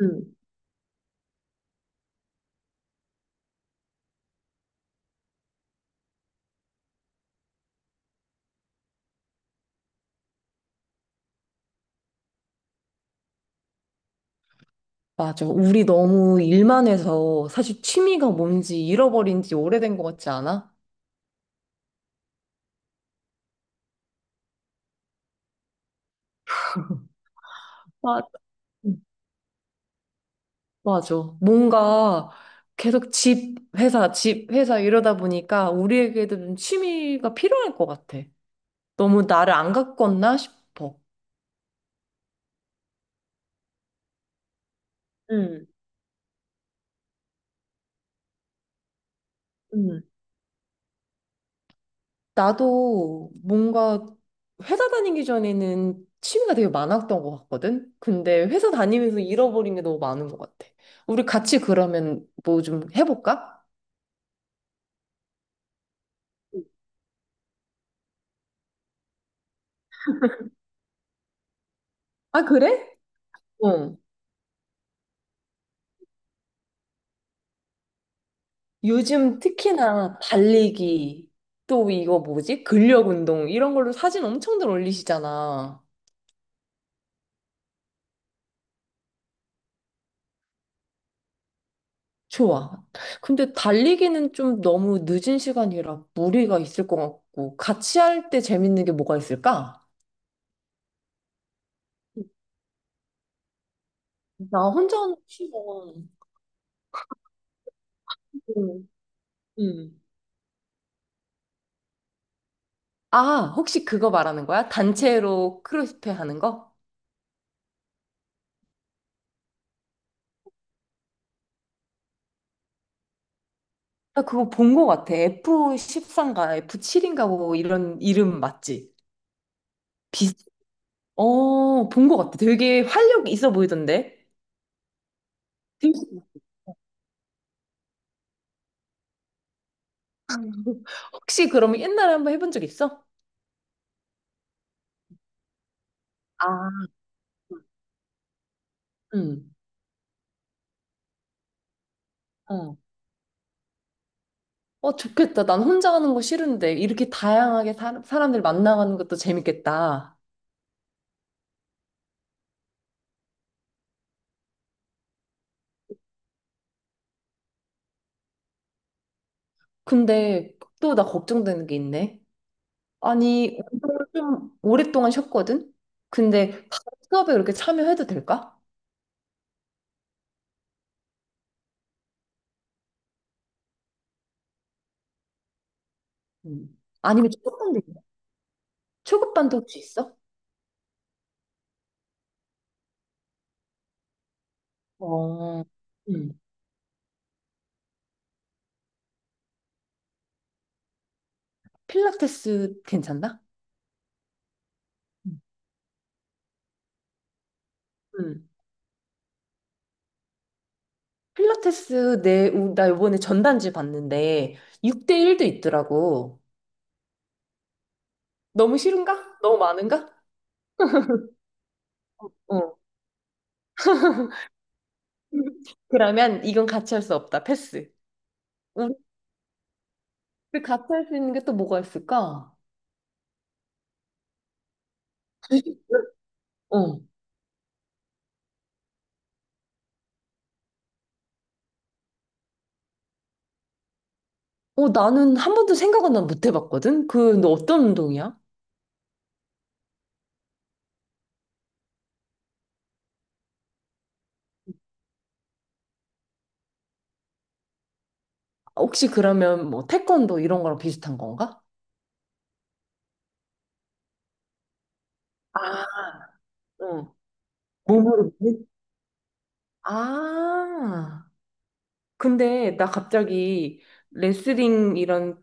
음, 맞아. 우리 너무 일만 해서 사실 취미가 뭔지 잃어버린 지 오래된 것 같지 않아? 맞아. 음. 맞아. 뭔가 계속 집, 회사, 집, 회사 이러다 보니까 우리에게도 좀 취미가 필요할 것 같아. 너무 나를 안 가꿨나 싶어. 응, 음. 나도 뭔가 회사 다니기 전에는 취미가 되게 많았던 것 같거든? 근데 회사 다니면서 잃어버린 게 너무 많은 것 같아. 우리 같이 그러면 뭐 좀 해볼까? 아, 그래? 어. 요즘 특히나 달리기, 또 이거 뭐지? 근력 운동, 이런 걸로 사진 엄청들 올리시잖아. 좋아. 근데 달리기는 좀 너무 늦은 시간이라 무리가 있을 것 같고, 같이 할 때 재밌는 게 뭐가 있을까? 나 혼자 하는 거 싫어. 응. 응. 아, 혹시 그거 말하는 거야? 단체로 크로스페 하는 거? 나 그거 본 거 같아. f 1삼인가 F7인가 뭐 이런 이름 맞지? 어, 본 것 같아. 되게 활력 있어 보이던데? 되게- 혹시 그러면 옛날에 한번 해본 적 있어? 아, 응. 어. 어, 좋겠다. 난 혼자 하는 거 싫은데, 이렇게 다양하게 사람들 만나가는 것도 재밌겠다. 근데 또 나 걱정되는 게 있네. 아니, 운동을 좀 오랫동안 쉬었거든? 근데 바로 수업에 그렇게 참여해도 될까? 음. 아니면 초급반도 있나? 초급반도 혹시 있어? 어, 음. 필라테스 괜찮나? 응. 음. 필라테스 나 이번에 전단지 봤는데 6대1도 있더라고. 너무 싫은가? 너무 많은가? 어. 그러면 이건 같이 할 수 없다. 패스. 우리 그 같이 할 수 있는 게 또 뭐가 있을까? 어. 어, 나는 한 번도 생각은 난 못 해봤거든? 그, 너 어떤 운동이야? 혹시 그러면 뭐 태권도 이런 거랑 비슷한 건가? 아, 어. 몸으로. 아. 근데 나 갑자기 레슬링 이런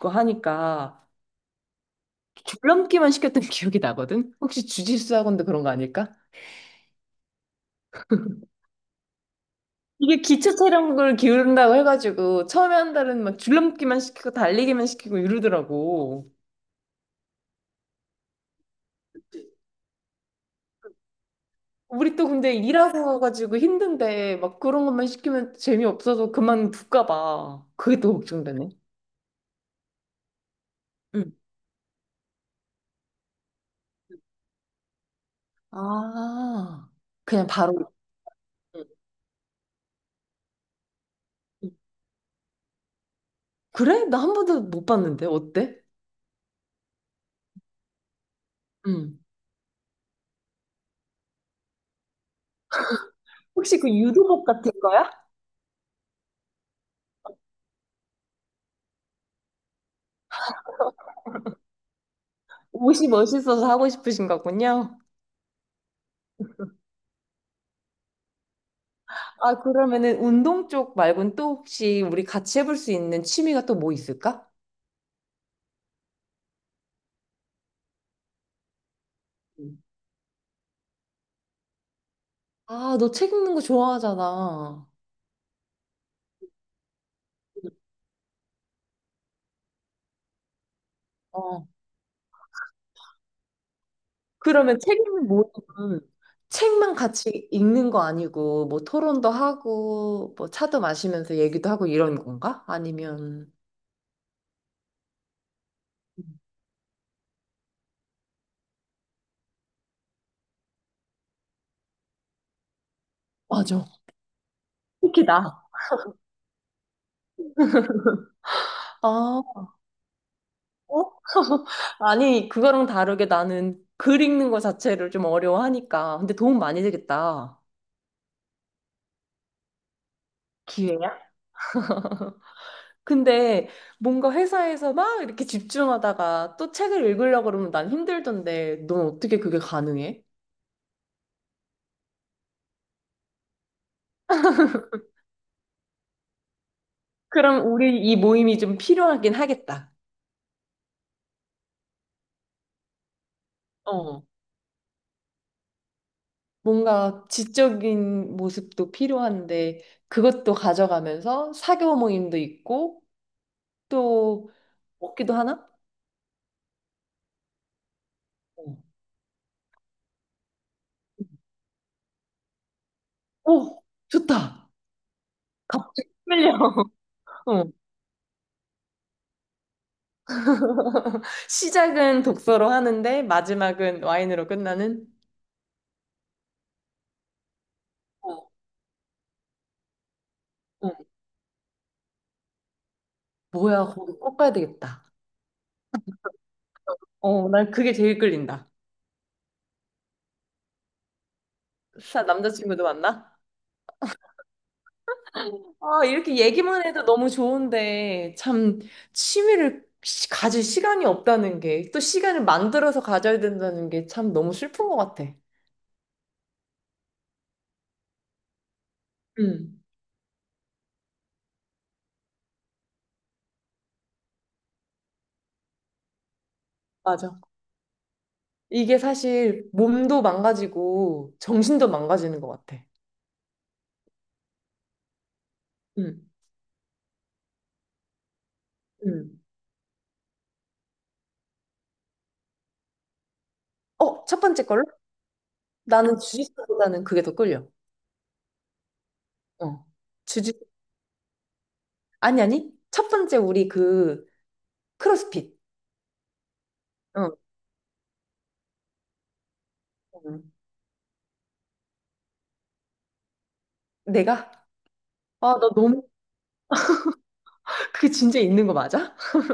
거 하니까 줄넘기만 시켰던 기억이 나거든? 혹시 주짓수 학원도 그런 거 아닐까? 이게 기초 체력을 기울인다고 해가지고 처음에 한 달은 막 줄넘기만 시키고 달리기만 시키고 이러더라고. 우리 또 근데 일하고 와가지고 힘든데 막 그런 것만 시키면 재미없어서 그만둘까 봐. 그게 또 걱정되네. 응. 아, 그냥 바로. 응. 응. 그래? 나 한 번도 못 봤는데 어때? 응. 혹시 그 유도복 같은 거야? 옷이 멋있어서 하고 싶으신 거군요. 아, 그러면은 운동 쪽 말고는 또 혹시 우리 같이 해볼 수 있는 취미가 또 뭐 있을까? 음. 아, 너 책 읽는 거 좋아하잖아. 어. 그러면 책 읽는 모임은 책만 같이 읽는 거 아니고 뭐 토론도 하고 뭐 차도 마시면서 얘기도 하고 이런 건가? 아니면 맞아. 특히 나. 아, 어? 아니, 그거랑 다르게 나는 글 읽는 거 자체를 좀 어려워하니까. 근데 도움 많이 되겠다. 기회야? 근데 뭔가 회사에서 막 이렇게 집중하다가 또 책을 읽으려고 그러면 난 힘들던데 넌 어떻게 그게 가능해? 그럼 우리 이 모임이 좀 필요하긴 하겠다. 어. 뭔가 지적인 모습도 필요한데 그것도 가져가면서 사교 모임도 있고 또 먹기도 하나? 어. 오, 좋다. 갑자기 끌려. 어. 시작은 독서로 하는데 마지막은 와인으로 끝나는? 어, 어. 뭐야, 거기 꼭 가야 되겠다. 어, 난 그게 제일 끌린다. 사 남자친구도 만나? 아, 이렇게 얘기만 해도 너무 좋은데, 참, 취미를 가질 시간이 없다는 게, 또 시간을 만들어서 가져야 된다는 게 참 너무 슬픈 것 같아. 응, 맞아. 이게 사실 몸도 망가지고, 정신도 망가지는 것 같아. 응, 응. 어, 첫 번째 걸로? 나는 주짓수보다는 그게 더 끌려. 어. 주짓, 아니, 아니. 첫 번째 우리 그, 크로스핏. 어. 응. 내가? 아, 나 너무 그 진짜 있는 거 맞아?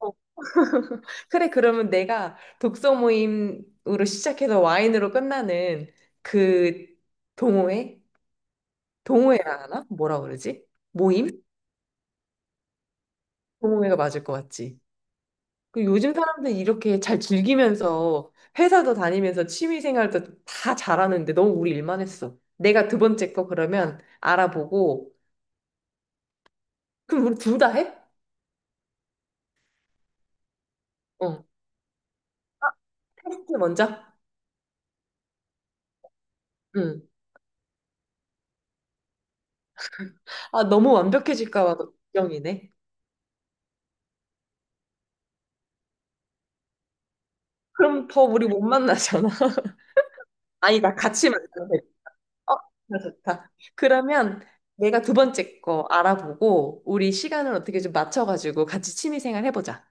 어. 그래, 그러면 내가 독서 모임으로 시작해서 와인으로 끝나는 그 동호회? 동호회라 하나? 뭐라 그러지? 모임? 동호회가 맞을 것 같지? 그 요즘 사람들 이렇게 잘 즐기면서 회사도 다니면서 취미 생활도 다 잘하는데 너무 우리 일만 했어. 내가 두 번째 거 그러면 알아보고 그럼 우리 둘 다 해? 어. 테스트 먼저? 응. 아, 너무 완벽해질까 봐 걱정이네. 그럼 더 우리 못 만나잖아. 아니다, 같이 만들면 돼. 어, 좋다, 좋다. 그러면 내가 두 번째 거 알아보고, 우리 시간을 어떻게 좀 맞춰가지고 같이 취미생활 해보자.